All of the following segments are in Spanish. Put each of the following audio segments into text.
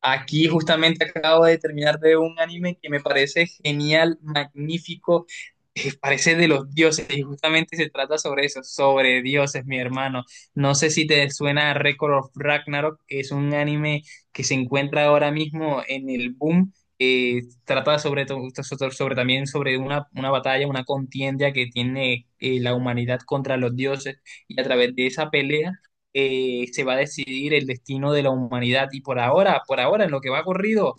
Aquí justamente acabo de terminar de ver un anime que me parece genial, magnífico, parece de los dioses y justamente se trata sobre eso, sobre dioses, mi hermano. No sé si te suena a Record of Ragnarok, que es un anime que se encuentra ahora mismo en el boom. Trata sobre también sobre una batalla, una contienda que tiene la humanidad contra los dioses, y a través de esa pelea se va a decidir el destino de la humanidad. Y por ahora, en lo que va corrido,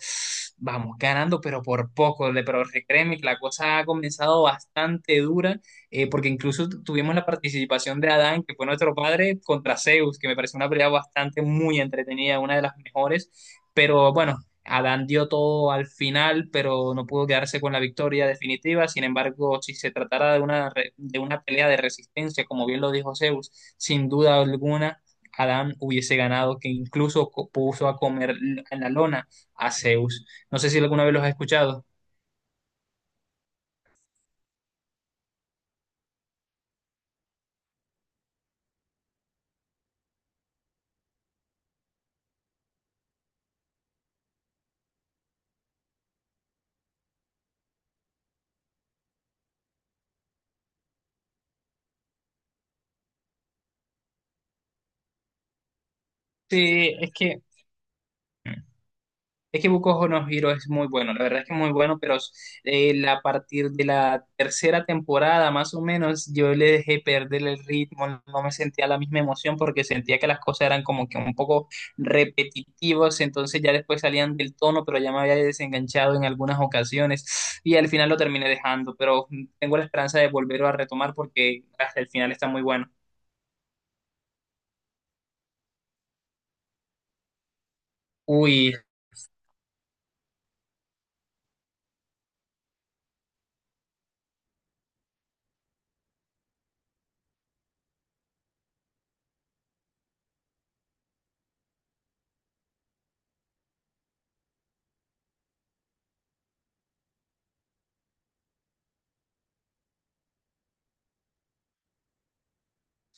vamos ganando, pero por poco. Pero créeme que la cosa ha comenzado bastante dura, porque incluso tuvimos la participación de Adán, que fue nuestro padre, contra Zeus, que me pareció una pelea bastante muy entretenida, una de las mejores. Pero bueno. Adán dio todo al final, pero no pudo quedarse con la victoria definitiva. Sin embargo, si se tratara de de una pelea de resistencia, como bien lo dijo Zeus, sin duda alguna, Adán hubiese ganado, que incluso puso a comer en la lona a Zeus. No sé si alguna vez los has escuchado. Sí, es que es que Boku no Hero es muy bueno, la verdad es que es muy bueno, pero a partir de la tercera temporada, más o menos, yo le dejé perder el ritmo, no me sentía la misma emoción porque sentía que las cosas eran como que un poco repetitivas, entonces ya después salían del tono, pero ya me había desenganchado en algunas ocasiones y al final lo terminé dejando, pero tengo la esperanza de volverlo a retomar porque hasta el final está muy bueno. Uy.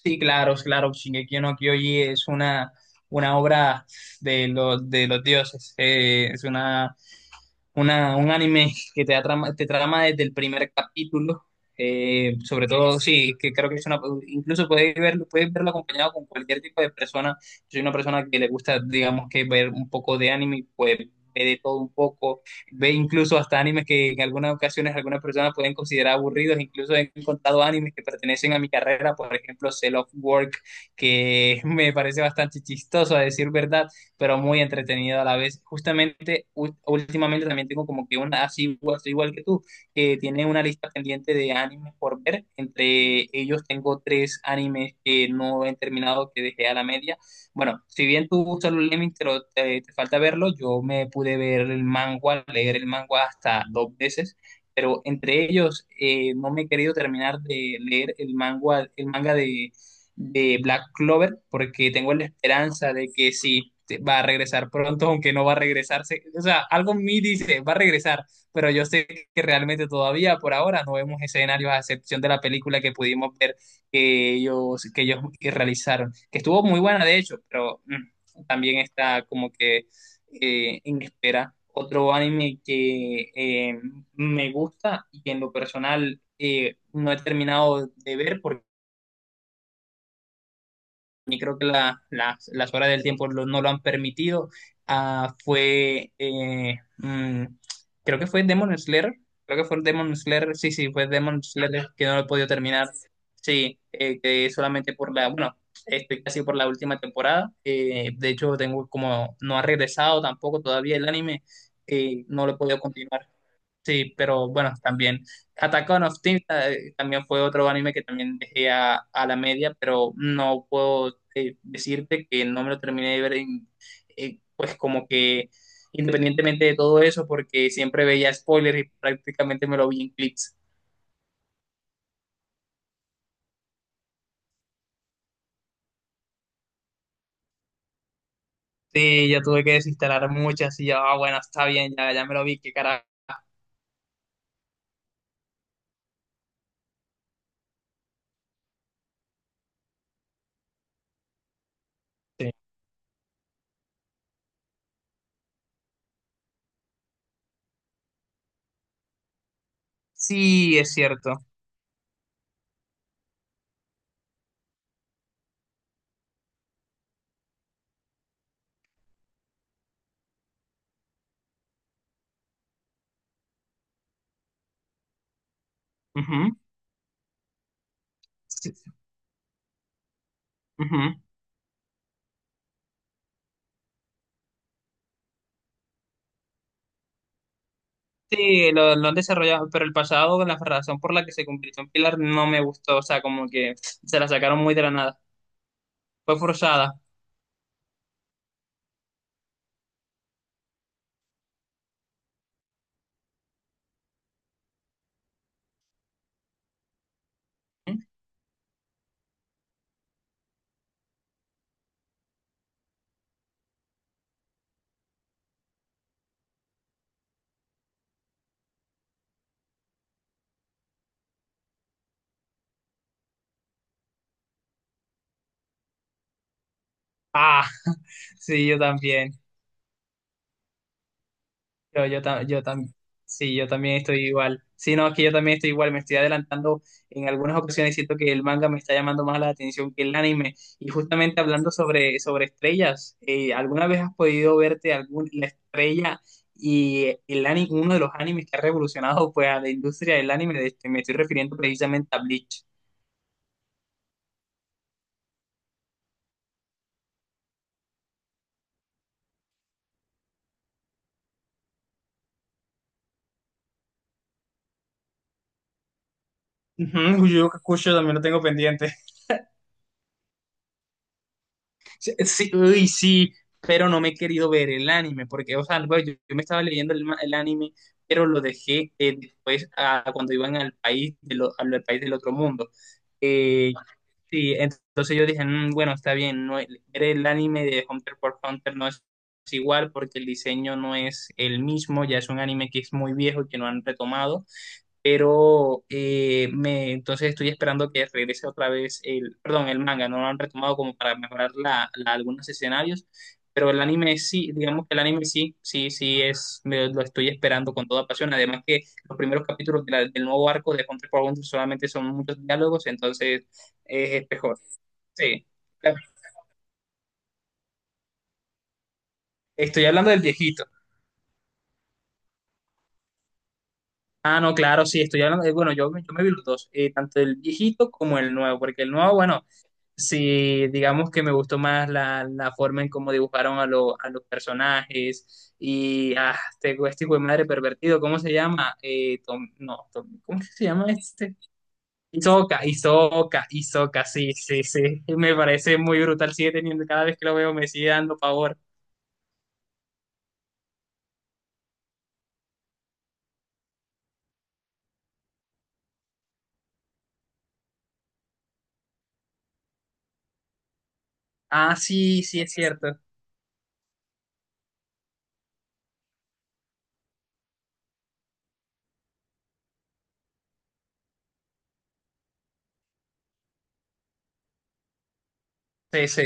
Sí, claro, claro, Shingeki no Kyoji es una obra de de los dioses, es un anime que te te trama desde el primer capítulo, sobre todo, sí, que creo que es una, incluso puedes puedes verlo acompañado con cualquier tipo de persona, soy una persona que le gusta, digamos, que ver un poco de anime, pues ve de todo un poco, ve incluso hasta animes que en algunas ocasiones algunas personas pueden considerar aburridos. Incluso he encontrado animes que pertenecen a mi carrera, por ejemplo, Cell of Work, que me parece bastante chistoso a decir verdad, pero muy entretenido a la vez. Justamente, últimamente también tengo como que una, así igual, soy igual que tú, que tiene una lista pendiente de animes por ver. Entre ellos tengo tres animes que no he terminado, que dejé a la media. Bueno, si bien tú Solo Lemmings te falta verlo, yo me pude ver el manga, leer el manga hasta dos veces, pero entre ellos no me he querido terminar de leer el manga de Black Clover, porque tengo la esperanza de que va a regresar pronto, aunque no va a regresarse. O sea, algo en mí dice, va a regresar, pero yo sé que realmente todavía por ahora no vemos escenarios a excepción de la película que pudimos ver que ellos que realizaron, que estuvo muy buena de hecho, pero también está como que en espera otro anime que me gusta y que en lo personal no he terminado de ver porque creo que las horas del tiempo no lo han permitido. Ah, fue, mm, creo que fue Demon Slayer, creo que fue Demon Slayer, sí, sí, fue Demon Slayer que no lo he podido terminar. Sí, que solamente por la, bueno, estoy casi por la última temporada. De hecho, tengo como, no ha regresado tampoco todavía el anime, no lo he podido continuar. Sí, pero bueno, también Attack on of Teens, también fue otro anime que también dejé a la media, pero no puedo decirte que no me lo terminé de ver, pues como que independientemente de todo eso, porque siempre veía spoilers y prácticamente me lo vi en clips. Sí, ya tuve que desinstalar muchas y ya, ah, bueno, está bien, ya, ya me lo vi, qué carajo. Sí. Sí, es cierto. Ujú. Sí, ujú. Sí, lo han desarrollado, pero el pasado, la razón por la que se convirtió en Pilar no me gustó, o sea, como que se la sacaron muy de la nada, fue forzada. Ah, sí, yo también. Yo, ta- yo tam- Sí, yo también estoy igual. Sí, no, es que yo también estoy igual, me estoy adelantando en algunas ocasiones, siento que el manga me está llamando más la atención que el anime. Y justamente hablando sobre estrellas, ¿alguna vez has podido verte algún, la estrella y el anime, uno de los animes que ha revolucionado pues, a la industria del anime? De este, me estoy refiriendo precisamente a Bleach. Ujú, Yu Yu Hakusho también lo tengo pendiente. Sí, sí, uy, sí, pero no me he querido ver el anime, porque, o sea, bueno, yo me estaba leyendo el, el anime, pero lo dejé después cuando iban al país, de lo- al al país del otro mundo. Eh, sí, entonces yo dije, "Mm, bueno, está bien, no, ver el anime de Hunter por Hunter no es, es igual porque el diseño no es el mismo, ya es un anime que es muy viejo, que no han retomado, pero entonces estoy esperando que regrese otra vez el, perdón, el manga, no lo han retomado como para mejorar algunos escenarios, pero el anime sí, digamos que el anime sí es, lo estoy esperando con toda pasión, además que los primeros capítulos de del nuevo arco de Hunter x Hunter solamente son muchos diálogos, entonces es mejor, sí, claro. Estoy hablando del viejito. Ah, no, claro, sí, estoy hablando, de- bueno, yo me vi los dos, tanto el viejito como el nuevo, porque el nuevo, bueno, sí, digamos que me gustó más la forma en cómo dibujaron a los personajes y ah, este, este hijo de madre pervertido, ¿cómo se llama? Tom- no, Tom- ¿Cómo que se llama este? Hisoka, Hisoka, sí, sí, sí, me parece muy brutal, sigue teniendo, cada vez que lo veo me sigue dando pavor. Ah, sí, sí, es cierto, sí, sí.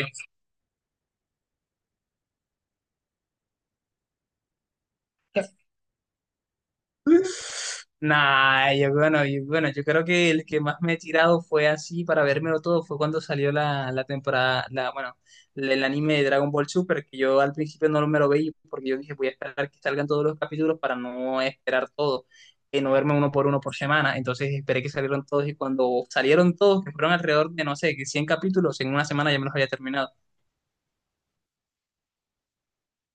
Nah, yo creo que el que más me he tirado fue así para vérmelo todo, fue cuando salió bueno, el anime de Dragon Ball Super, que yo al principio no me lo veía porque yo dije voy a esperar que salgan todos los capítulos para no esperar todo, y no verme uno por uno por semana, entonces esperé que salieron todos y cuando salieron todos, que fueron alrededor de, no sé, que 100 capítulos, en una semana ya me los había terminado.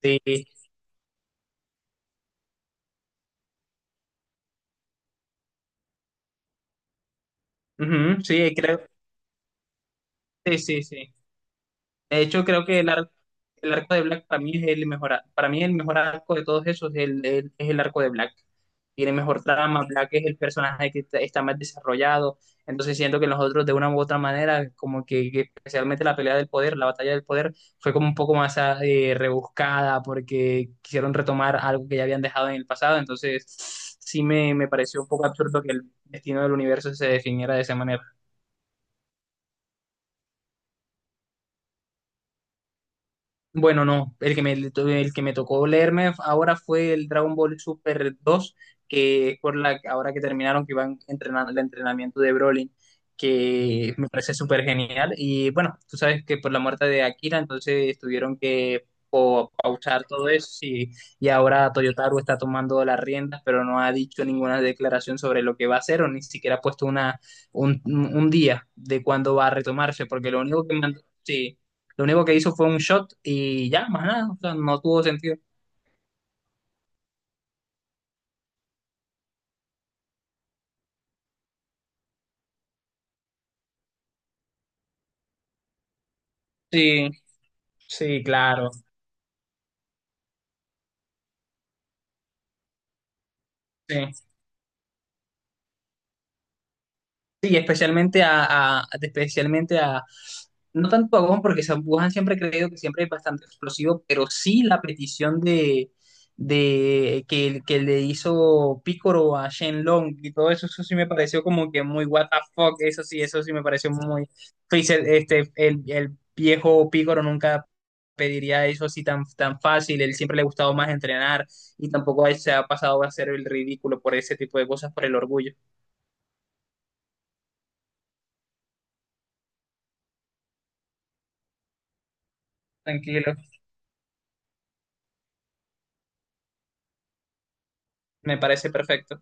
Sí, ujú, sí, creo, sí, sí, sí. De hecho, creo que el arco de Black para mí es el mejor, ar- para mí el mejor arco de todos esos, el- es el arco de Black. Tiene mejor trama, Black es el personaje que está más desarrollado, entonces siento que los otros de una u otra manera, como que especialmente la pelea del poder, la batalla del poder, fue como un poco más rebuscada porque quisieron retomar algo que ya habían dejado en el pasado, entonces sí me pareció un poco absurdo que el destino del universo se definiera de esa manera. Bueno, no, el que me tocó leerme ahora fue el Dragon Ball Super dos, que es por la ahora que terminaron que iban entrenando el entrenamiento de Broly, que me parece súper genial. Y bueno, tú sabes que por la muerte de Akira, entonces tuvieron que pausar todo eso, y ahora Toyotaro está tomando las riendas, pero no ha dicho ninguna declaración sobre lo que va a hacer o ni siquiera ha puesto una, un día de cuándo va a retomarse, porque lo único que mandó... Lo único que hizo fue un shot y ya, más nada. O sea, no tuvo sentido. Sí, sí, claro. Sí. Sí, especialmente a, no tanto a Gon, porque Wuhan siempre he creído que siempre es bastante explosivo, pero sí la petición que le hizo Picoro a Shenlong y todo eso, eso sí me pareció como que muy what the fuck, eso sí me pareció muy Freezer, este, el viejo Picoro nunca pediría eso así tan, tan fácil, él siempre le ha gustado más entrenar y tampoco a él se ha pasado a hacer el ridículo por ese tipo de cosas, por el orgullo. Tranquilo. Me parece perfecto.